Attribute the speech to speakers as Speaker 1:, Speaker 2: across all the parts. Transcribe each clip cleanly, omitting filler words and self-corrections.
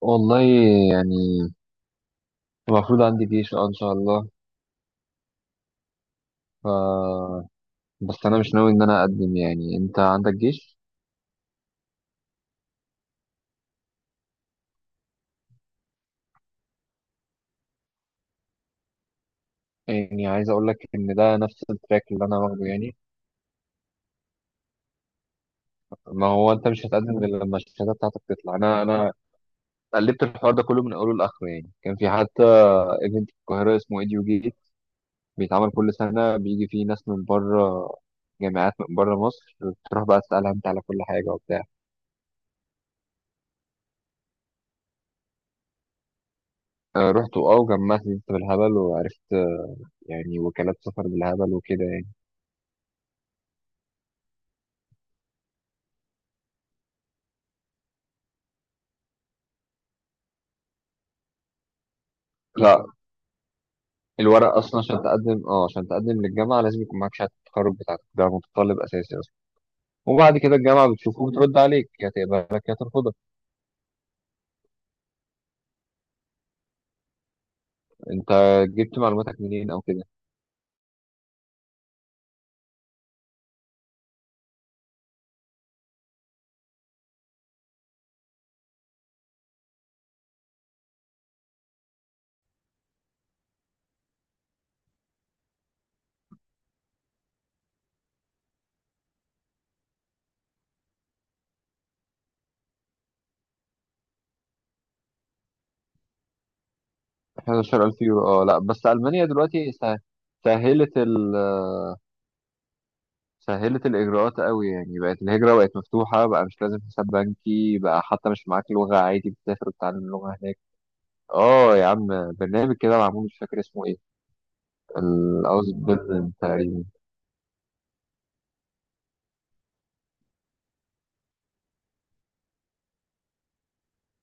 Speaker 1: والله يعني المفروض عندي جيش، اه، ان شاء الله. ف بس انا مش ناوي ان انا اقدم. يعني انت عندك جيش. يعني عايز اقول لك ان ده نفس التراك اللي انا واخده يعني. ما هو انت مش هتقدم غير لما الشهاده بتاعتك تطلع. انا قلبت الحوار ده كله من اوله لاخره. يعني كان في حتى ايفنت في القاهره اسمه ايديو جيت، بيتعمل كل سنه، بيجي فيه ناس من بره، جامعات من بره مصر، تروح بقى تسالها انت على كل حاجه وبتاع. رحت، وجمعت لي بالهبل وعرفت، يعني وكالات سفر بالهبل وكده يعني. لا، الورق اصلا عشان تقدم للجامعه لازم يكون معاك شهاده التخرج بتاعتك. ده متطلب اساسي اصلا. وبعد كده الجامعه بتشوفه وبترد عليك، يا تقبلك يا ترفضك. انت جبت معلوماتك منين او كده؟ 11000 يورو؟ اه، لا، بس المانيا دلوقتي سهلت ال سهلت الاجراءات قوي. يعني بقت الهجره، بقت مفتوحه، بقى مش لازم حساب بنكي، بقى حتى مش معاك لغه، عادي بتسافر وتتعلم اللغه هناك. اه يا عم. برنامج كده معمول، مش فاكر اسمه ايه، الاوز تقريبا.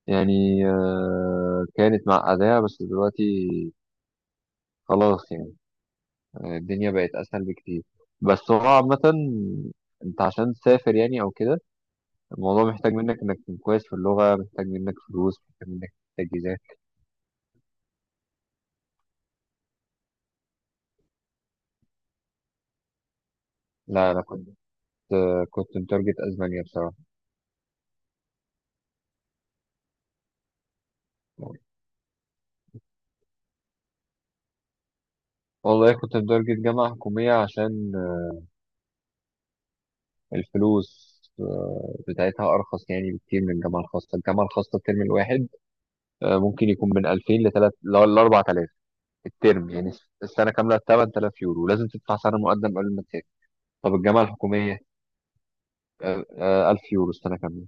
Speaker 1: يعني كانت معقدة بس دلوقتي خلاص يعني. الدنيا بقت أسهل بكتير. بس هو عامة، أنت عشان تسافر يعني أو كده، الموضوع محتاج منك إنك تكون كويس في اللغة، محتاج منك فلوس، محتاج منك تجهيزات. لا، أنا كنت متارجت أسبانيا بصراحة. والله كنت متارجت جامعة حكومية عشان، الفلوس بتاعتها أرخص يعني بكتير من الجامعة الخاصة. الجامعة الخاصة الترم الواحد ممكن يكون من 2000 لتلات لأربعة آلاف، الترم يعني. السنة كاملة 8000 يورو، لازم تدفع سنة مقدم قبل ما تسافر. طب الجامعة الحكومية، 1000 يورو السنة كاملة.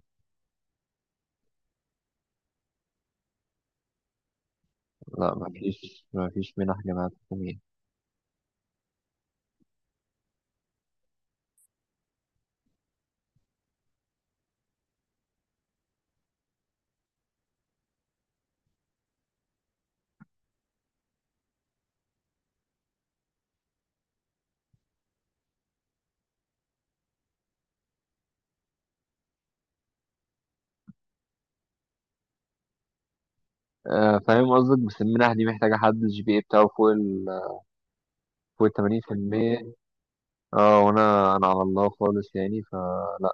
Speaker 1: لا، ما فيش منح جامعات حكومية. فاهم قصدك. بس المنح دي محتاجة حد الجي بي اي بتاعه فوق ال 80%. اه، وانا على الله خالص يعني، فلا.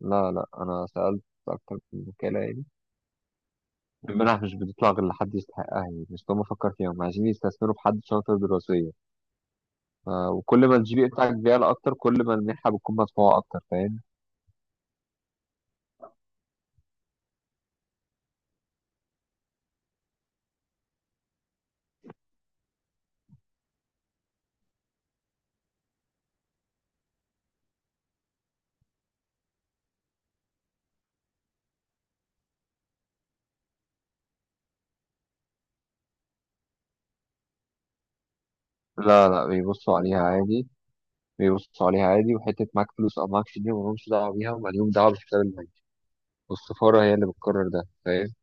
Speaker 1: لا، لا، انا سألت أكتر من وكالة يعني. المنح مش بتطلع غير لحد يستحقها يعني. مش هم فكر فيها، هم عايزين يستثمروا في حد شاطر دراسيا. وكل ما الجي بي اي بتاعك بيعلى أكتر، كل ما المنحة بتكون مدفوعة أكتر، فاهم؟ لا، لا، بيبصوا عليها عادي. بيبصوا عليها عادي. وحتة معاك فلوس أو معاكش دي ملهمش دعوة بيها، وماليهم دعوة بالحساب البنكي. والسفارة هي اللي بتقرر ده، فاهم؟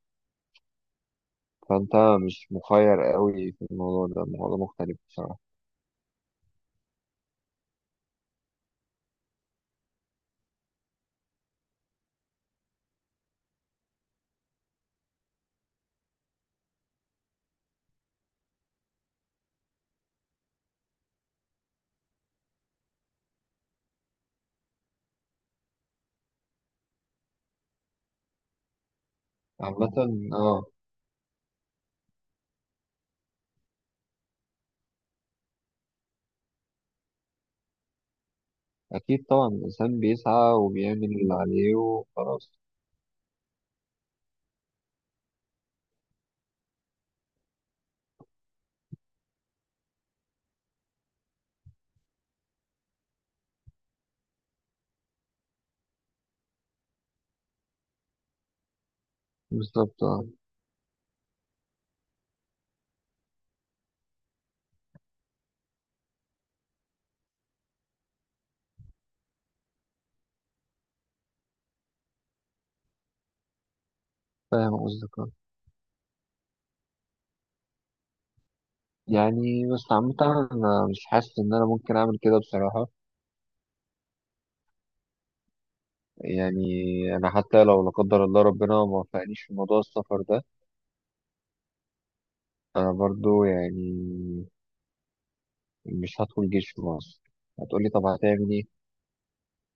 Speaker 1: فأنت مش مخير قوي في الموضوع ده. الموضوع مختلف بصراحة. عامة، اه. أكيد طبعا، الإنسان بيسعى وبيعمل اللي عليه وخلاص. بالظبط، اه. فاهم قصدك، آه. يعني بس عامة، أنا مش حاسس إن أنا ممكن أعمل كده بصراحة. يعني، أنا حتى لو لا قدر الله ربنا ما وفقنيش في موضوع السفر ده، انا برضو يعني مش هدخل جيش في مصر. هتقولي طب هتعمل ايه؟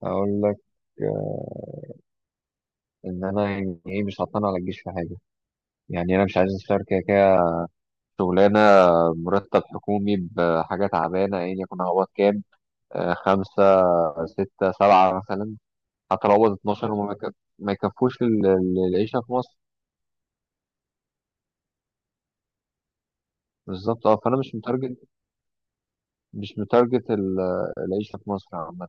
Speaker 1: اقول لك، آه، ان انا، يعني ايه، مش هطلع على الجيش في حاجه. يعني انا مش عايز اشتغل، كده كده شغلانه مرتب حكومي بحاجه تعبانه، ايا يكن هقبض كام؟ خمسه، سته، سبعه مثلا. حتى لو هقبض 12 ما يكفوش العيشه في مصر. بالظبط، اه. فانا مش متارجت العيشه في مصر عامه.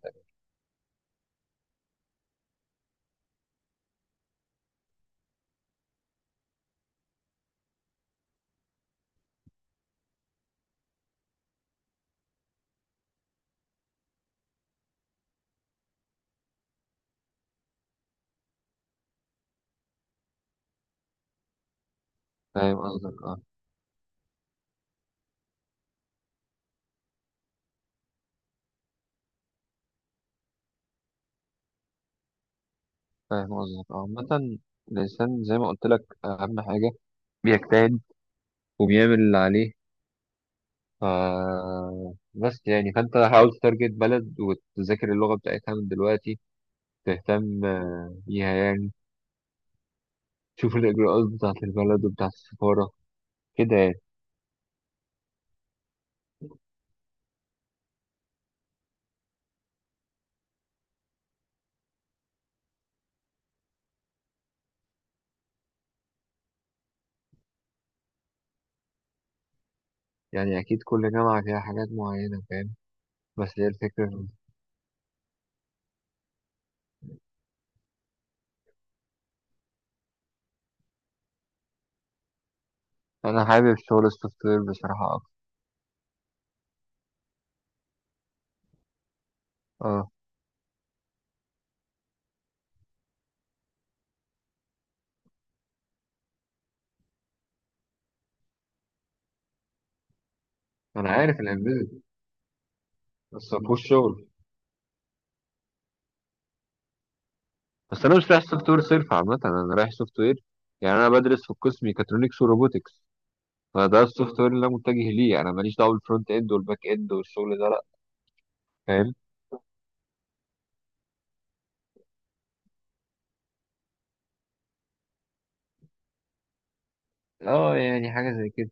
Speaker 1: فاهم قصدك، اه. فاهم قصدك، اه. عامه، الانسان زي ما قلت لك، اهم حاجه بيجتهد وبيعمل اللي عليه. ف بس يعني، فانت حاول تتارجت بلد وتذاكر اللغة بتاعتها من دلوقتي. تهتم بيها يعني. تشوف الإجراءات بتاعة البلد وبتاعة السفارة كده يعني. يعني أكيد كل جامعة فيها حاجات معينة، فاهم؟ بس هي الفكرة، أنا حابب شغل السوفت وير بصراحة أكتر. أه. أنا عارف الإمبيدد. بس مفهوش شغل. بس أنا مش رايح سوفت وير صرف. عامة أنا رايح سوفت وير، يعني أنا بدرس في القسم ميكاترونكس وروبوتكس، فده السوفت وير اللي أنا متجه ليه. أنا ماليش دعوة بالفرونت إند والباك إند والشغل ده، لأ. فاهم. اه، يعني حاجة زي كده.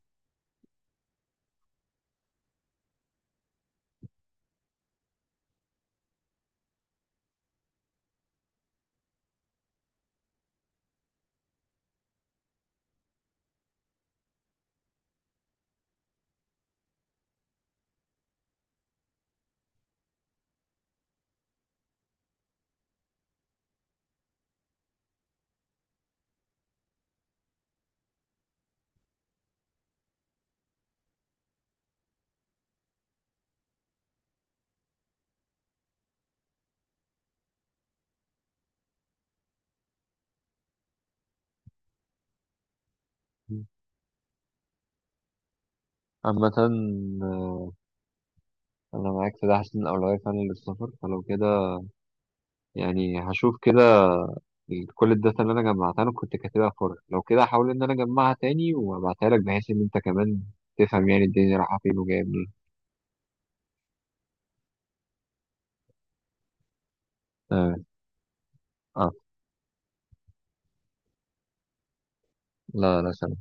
Speaker 1: عامة أنا معاك في ده. حاسس إن الأولوية فعلا للسفر. فلو كده يعني هشوف كده كل الداتا اللي أنا جمعتها. أنا كنت كاتبها في ورق. لو كده هحاول إن أنا أجمعها تاني وأبعتها لك، بحيث إن أنت كمان تفهم يعني الدنيا رايحة فين وجاية منين. آه. آه. لا، لا.